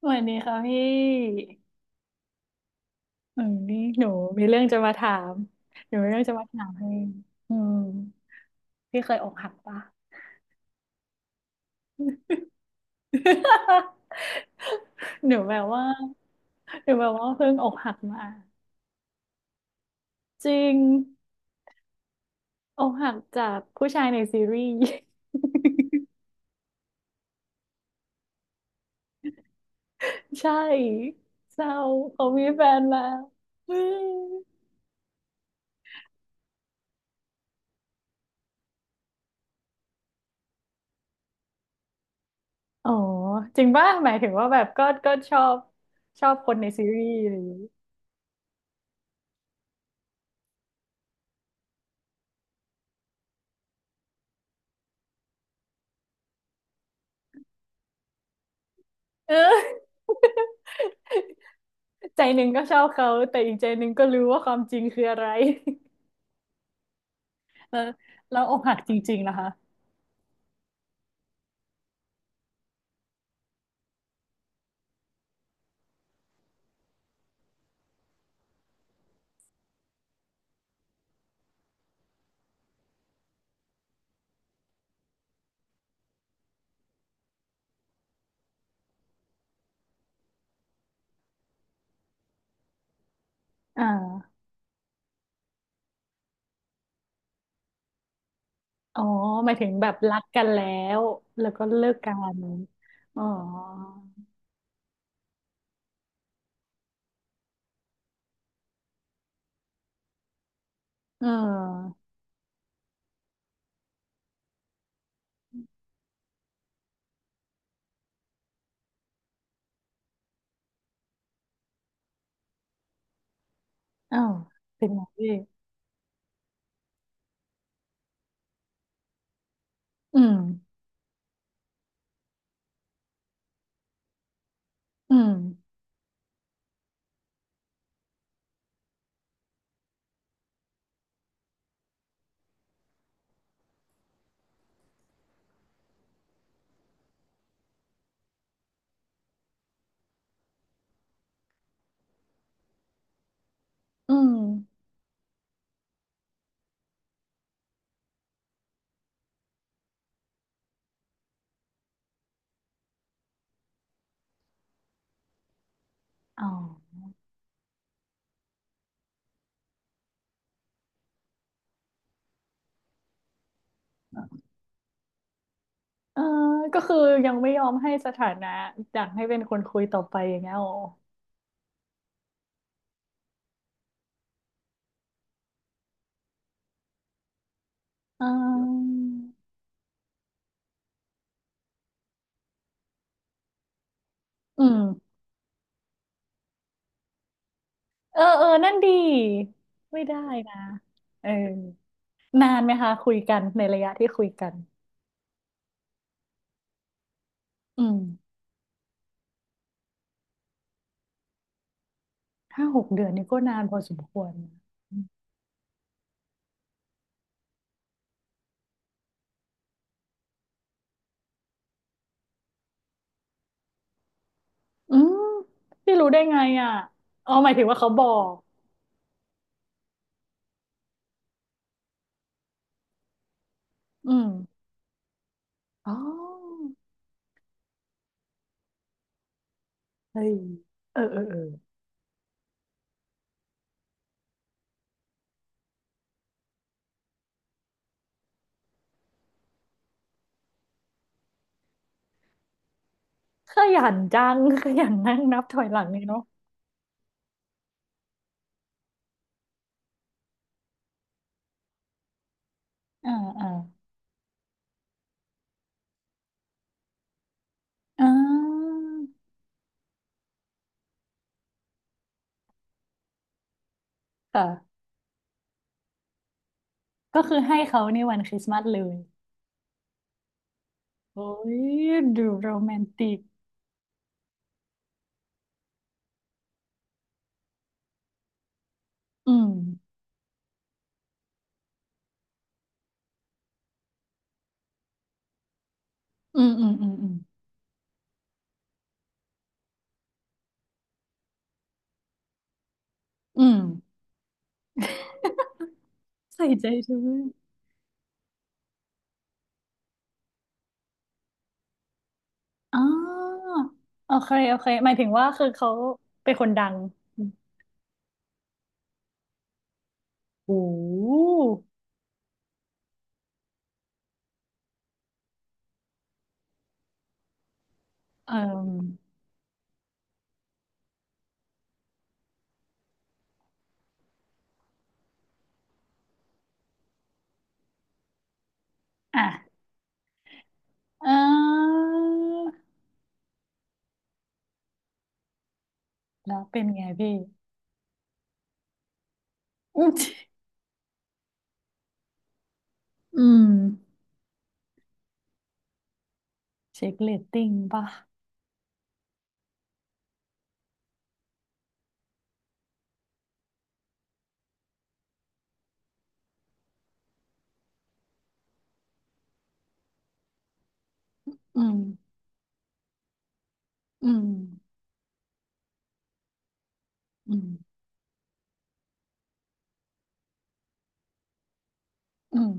สวัสดีค่ะพี่เออนี่หนูมีเรื่องจะมาถาม หนูมีเรื่องจะมาถามให้อืมพี่เคยอกหักปะ หนูแบบว่าเพิ่งอกหักมาจริงอกหักจากผู้ชายในซีรีส์ ใช่ เศร้าเขามีแฟนแล้ว อืมอ๋อจริงป่ะหมายถึงว่าแบบก็ชอบ ชอบคนในซีรีส์หรือย่างงี้ เออ ใจหนึ่งก็ชอบเขาแต่อีกใจหนึ่งก็รู้ว่าความจริงคืออะไร แล้วเราอกหักจริงๆนะคะอ่าอ๋อหมายถึงแบบรักกันแล้วแล้วก็เลิกกันอ๋อเอออ้าวเป็นไงพี่อืมอืมอืมอ๋อเออก็คือยังไม่ยอมให้สถานะอยากให้เป็นคนคุยต่อไปอย่างเงี้ยอ๋อเอ่อืมเออเออนั่นดีไม่ได้นะเออ นานไหมคะคุยกันในระยะที่คุยกันอืม5-6 เดือนนี่ก็นานพอสมควรนะอืมพี่รู้ได้ไงอ่ะอ๋อหมายถึงว่าเขาบอกอืมอ๋อเฮ้ยเออเออเออขยันจัง ขยันนั่งนับถอยหลังเลยเนาะอ่าอ่าอ่าค่ะก็คือให้เขาในวันคริสต์มาสเลยโอ้ย ดูโรแมนติกอืมอืมอืมอืม อืมอืมใส่ใจใช่วย อ๋อโอเคโอเคหมายถึงว่าคือเขาเป็นคนดังโอ้เอ่ออ่ะเออแล้วเป็นไงพี่อืมอืมเช็คเรตติ้งป่ะอืมอืมอืมอืม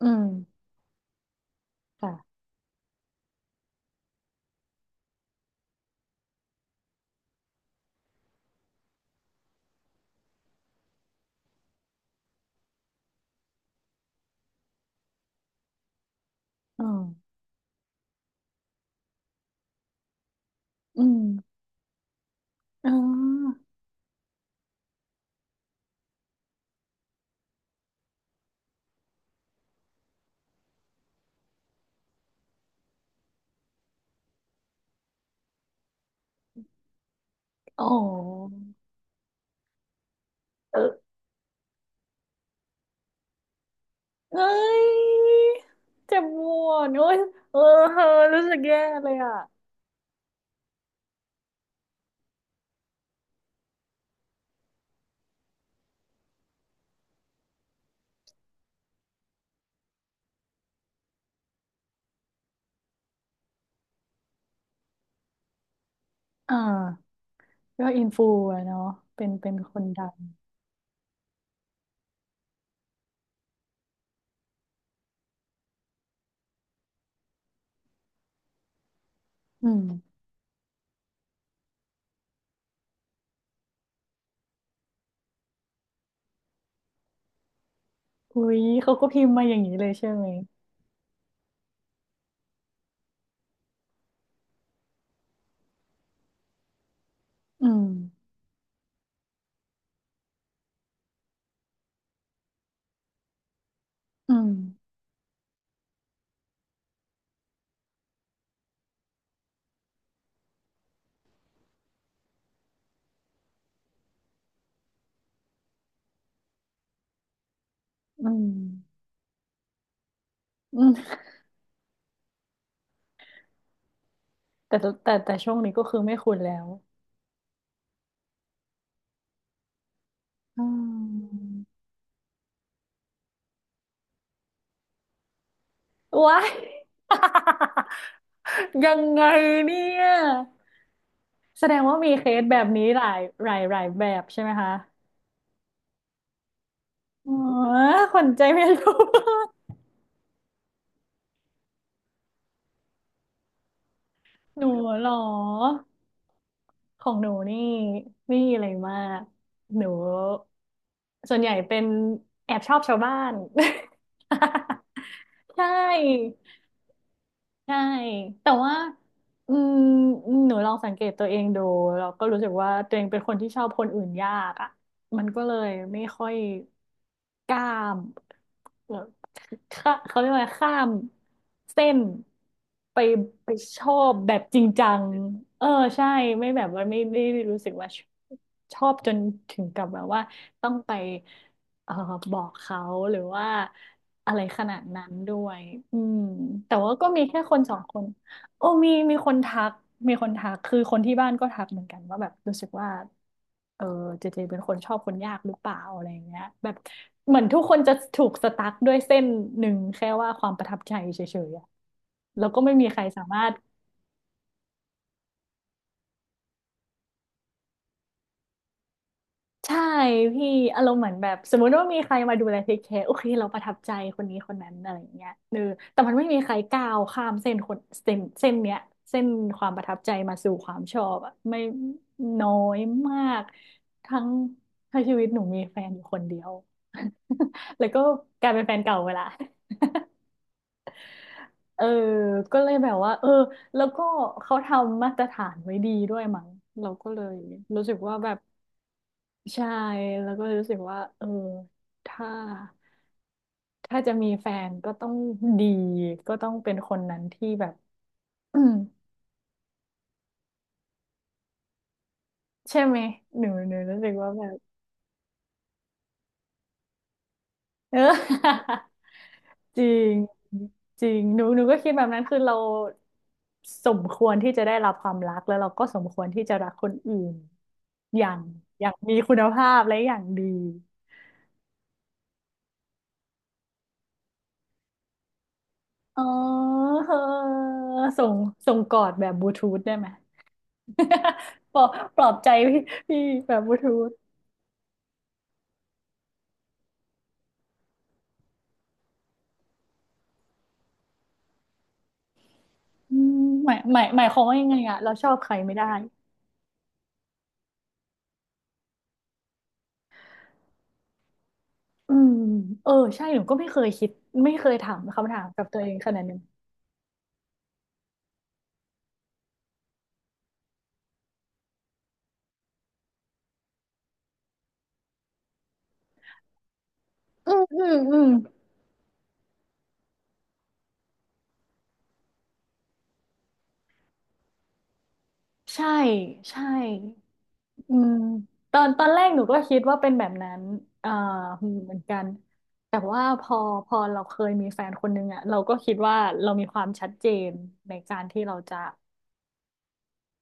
อืมค่ะอืมอืมอ๋อออเออเอ้ยเจ็บปวดโอ้ยเออเออรู้สึกแย่เลยอ่ะอ่า ก็อินฟูอะเนาะเป็นเป็นคนดังอืมอุ้ยเขาก็พิมพ์มาอย่างนี้เลยใช่ไหมอืมอืมอืมอืมแต่แตแต่แต่ช่วงนี้ก็คือไม่คุ้นแล้วอืมว้าย ยังไงเนี่ยแสดงว่ามีเคสแบบนี้หลายแบบใช่ไหมคะอ๋อคนใจไม่รู้ หนูเหรอ ของหนูนี่ไม่มีอะไรมาก หนูส่วนใหญ่เป็นแอบชอบชาวบ้าน ใช่ ใช่แต่ว่าอืมหนูลองสังเกตตัวเองดูเราก็รู้สึกว่าตัวเองเป็นคนที่ชอบคนอื่นยากอ่ะมันก็เลยไม่ค่อยกล้ามเอ่อข้าเขาเรียกว่าข้ามเส้นไปไปชอบแบบจริงจังเออใช่ไม่แบบว่าไม่ได้รู้สึกว่าชอบจนถึงกับแบบว่าต้องไป เอ่อบอกเขาหรือว่าอะไรขนาดนั้นด้วยอืมแต่ว่าก็มีแค่คนสองคน โอ้มีคนทักมีคนทัก คือคนที่บ้านก็ทักเหมือนกันว่าแบบรู้สึกว่าเออเจเจเป็นคนชอบคนยากหรือเปล่าอะไรอย่างเงี้ยแบบเหมือนทุกคนจะถูกสตั๊กด้วยเส้นหนึ่งแค่ว่าความประทับใจเฉยๆอะแล้วก็ไม่มีใครสามารถ ใช่พี่อารมณ์เหมือนแบบสมมุติว่ามีใครมาดูแลเทคแคร์โอเคเราประทับใจคนนี้คนนั้นอะไรอย่างเงี้ยเออแต่มันไม่มีใครก้าวข้ามเส้นคนเส้นเนี้ยเส้นความประทับใจมาสู่ความชอบอะไม่น้อยมากทั้งถ้าชีวิตหนูมีแฟนอยู่คนเดียว แล้วก็กลายเป็นแฟนเก่าเวลาเออก็เลยแบบว่าเออแล้วก็เขาทำมาตรฐานไว้ดีด้วยมั้งเราก็เลยรู้สึกว่าแบบ ใช่แล้วก็รู้สึกว่าเออถ้าถ้าจะมีแฟนก็ต้องดีก็ต้องเป็นคนนั้นที่แบบ อืมใช่ไหมหนูรู้สึกว่าแบบ เออ จริงจริงหนูก็คิดแบบนั้นคือเราสมควรที่จะได้รับความรักแล้วเราก็สมควรที่จะรักคนอื่นอย่างอย่างมีคุณภาพและอย่างดีอ๋อ เออส่งส่งกอดแบบบลูทูธได้ไหม ปลอบปลอบใจพี่พี่แบบบลูทูธอืมหมายความว่ายังไงอะเราชอบใครไม่ได้อืมเออใช่หนูก็ไม่เคยคิดไม่เคยถามคำถามกับตัวเองขนาดนี้นอืมอืมอืมใช่ใช่อืมตอนตอนแรกหนูก็คิดว่าเป็นแบบนั้นอ่าเหมือนกันแต่ว่าพอพอเราเคยมีแฟนคนนึงอะเราก็คิดว่าเรามีความชัดเจนในการที่เราจะ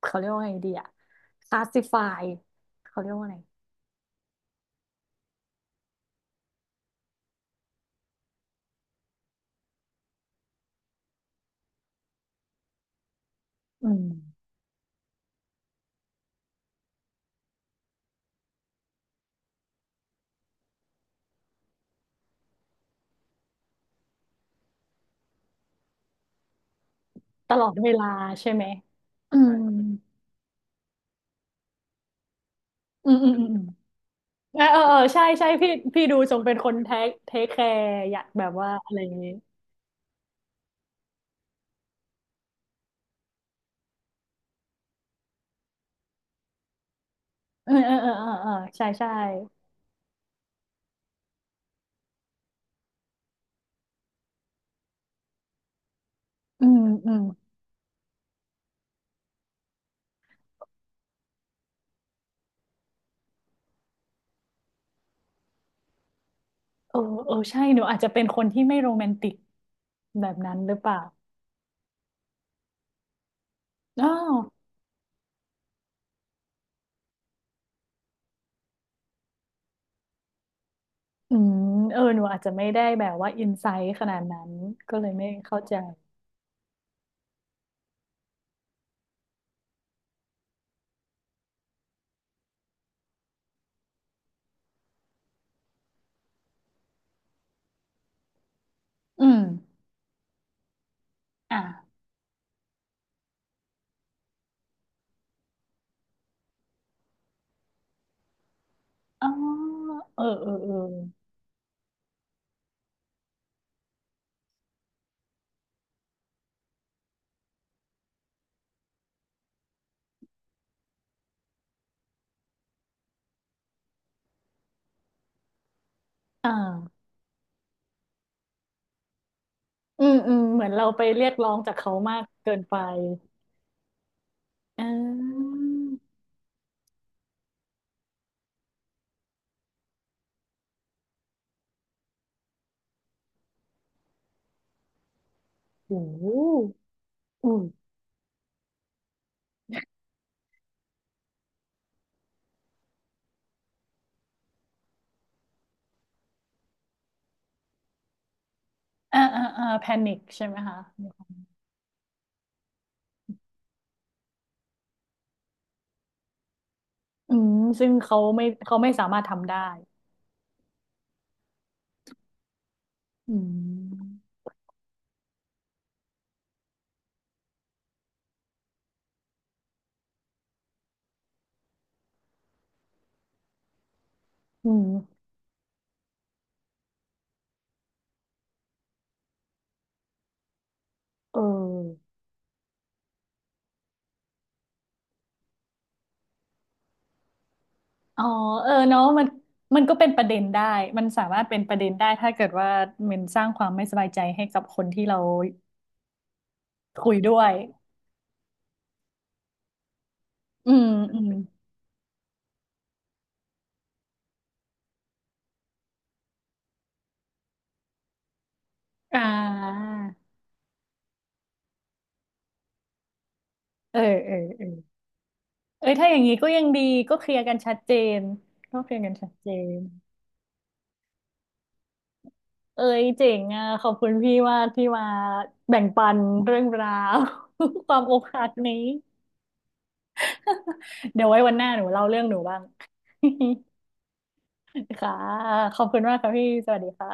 เขาเรียกว่าไงดีอะคลาสสิฟายเขาเรียกว่าไง อืมตลอดเวลาใช่ไหม อืมอืมอืมอืมอืมเออเออเออใช่ใช่พี่พี่ดูทรงเป็นคนเทคแคร์อยากแบบว่าอะไรอย่างนี้เออเออเออเออเออใช่ใช่อืมอืมเออเออใช่หนูอาจจะเป็นคนที่ไม่โรแมนติกแบบนั้นหรือเปล่าอ๋ออืมเออหนูอาจจะไม่ได้แบบว่าอินไซต์ขนาดนั้นก็เลยไม่เข้าใจอืมอ่ะอ๋อเออเออเอออ่า อืมอืมเหมือนเราไปเรียกร้องจากเขามากเกินไปอ่าโอ้โหอืมอ่าอ่าอ่าแพนิคใช่ไหมคะอืมซึ่งเขาไม่สามารถทำได้อืมอืมเอออ๋อเออเนาะมันมันก็เป็นประเด็นได้มันสามารถเป็นประเด็นได้ถ้าเกิดว่ามันสร้างความไม่สบายใจให้กับคนที่เราคุยด้วยอืมอืมอ่าเออเออเออ เอ้ยถ้าอย่างนี้ก็ยังดีก็เคลียร์กันชัดเจนก็เคลียร์กันชัดเจนเอ้ยเจ๋งอ่ะขอบคุณพี่ว่าที่มาแบ่งปันเรื่องราว ความอกหักนี้เดี๋ยวไว้วันหน้าหนูเล่าเรื่องหนูบ้าง ค่ะขอบคุณมากค่ะพี่สวัสดีค่ะ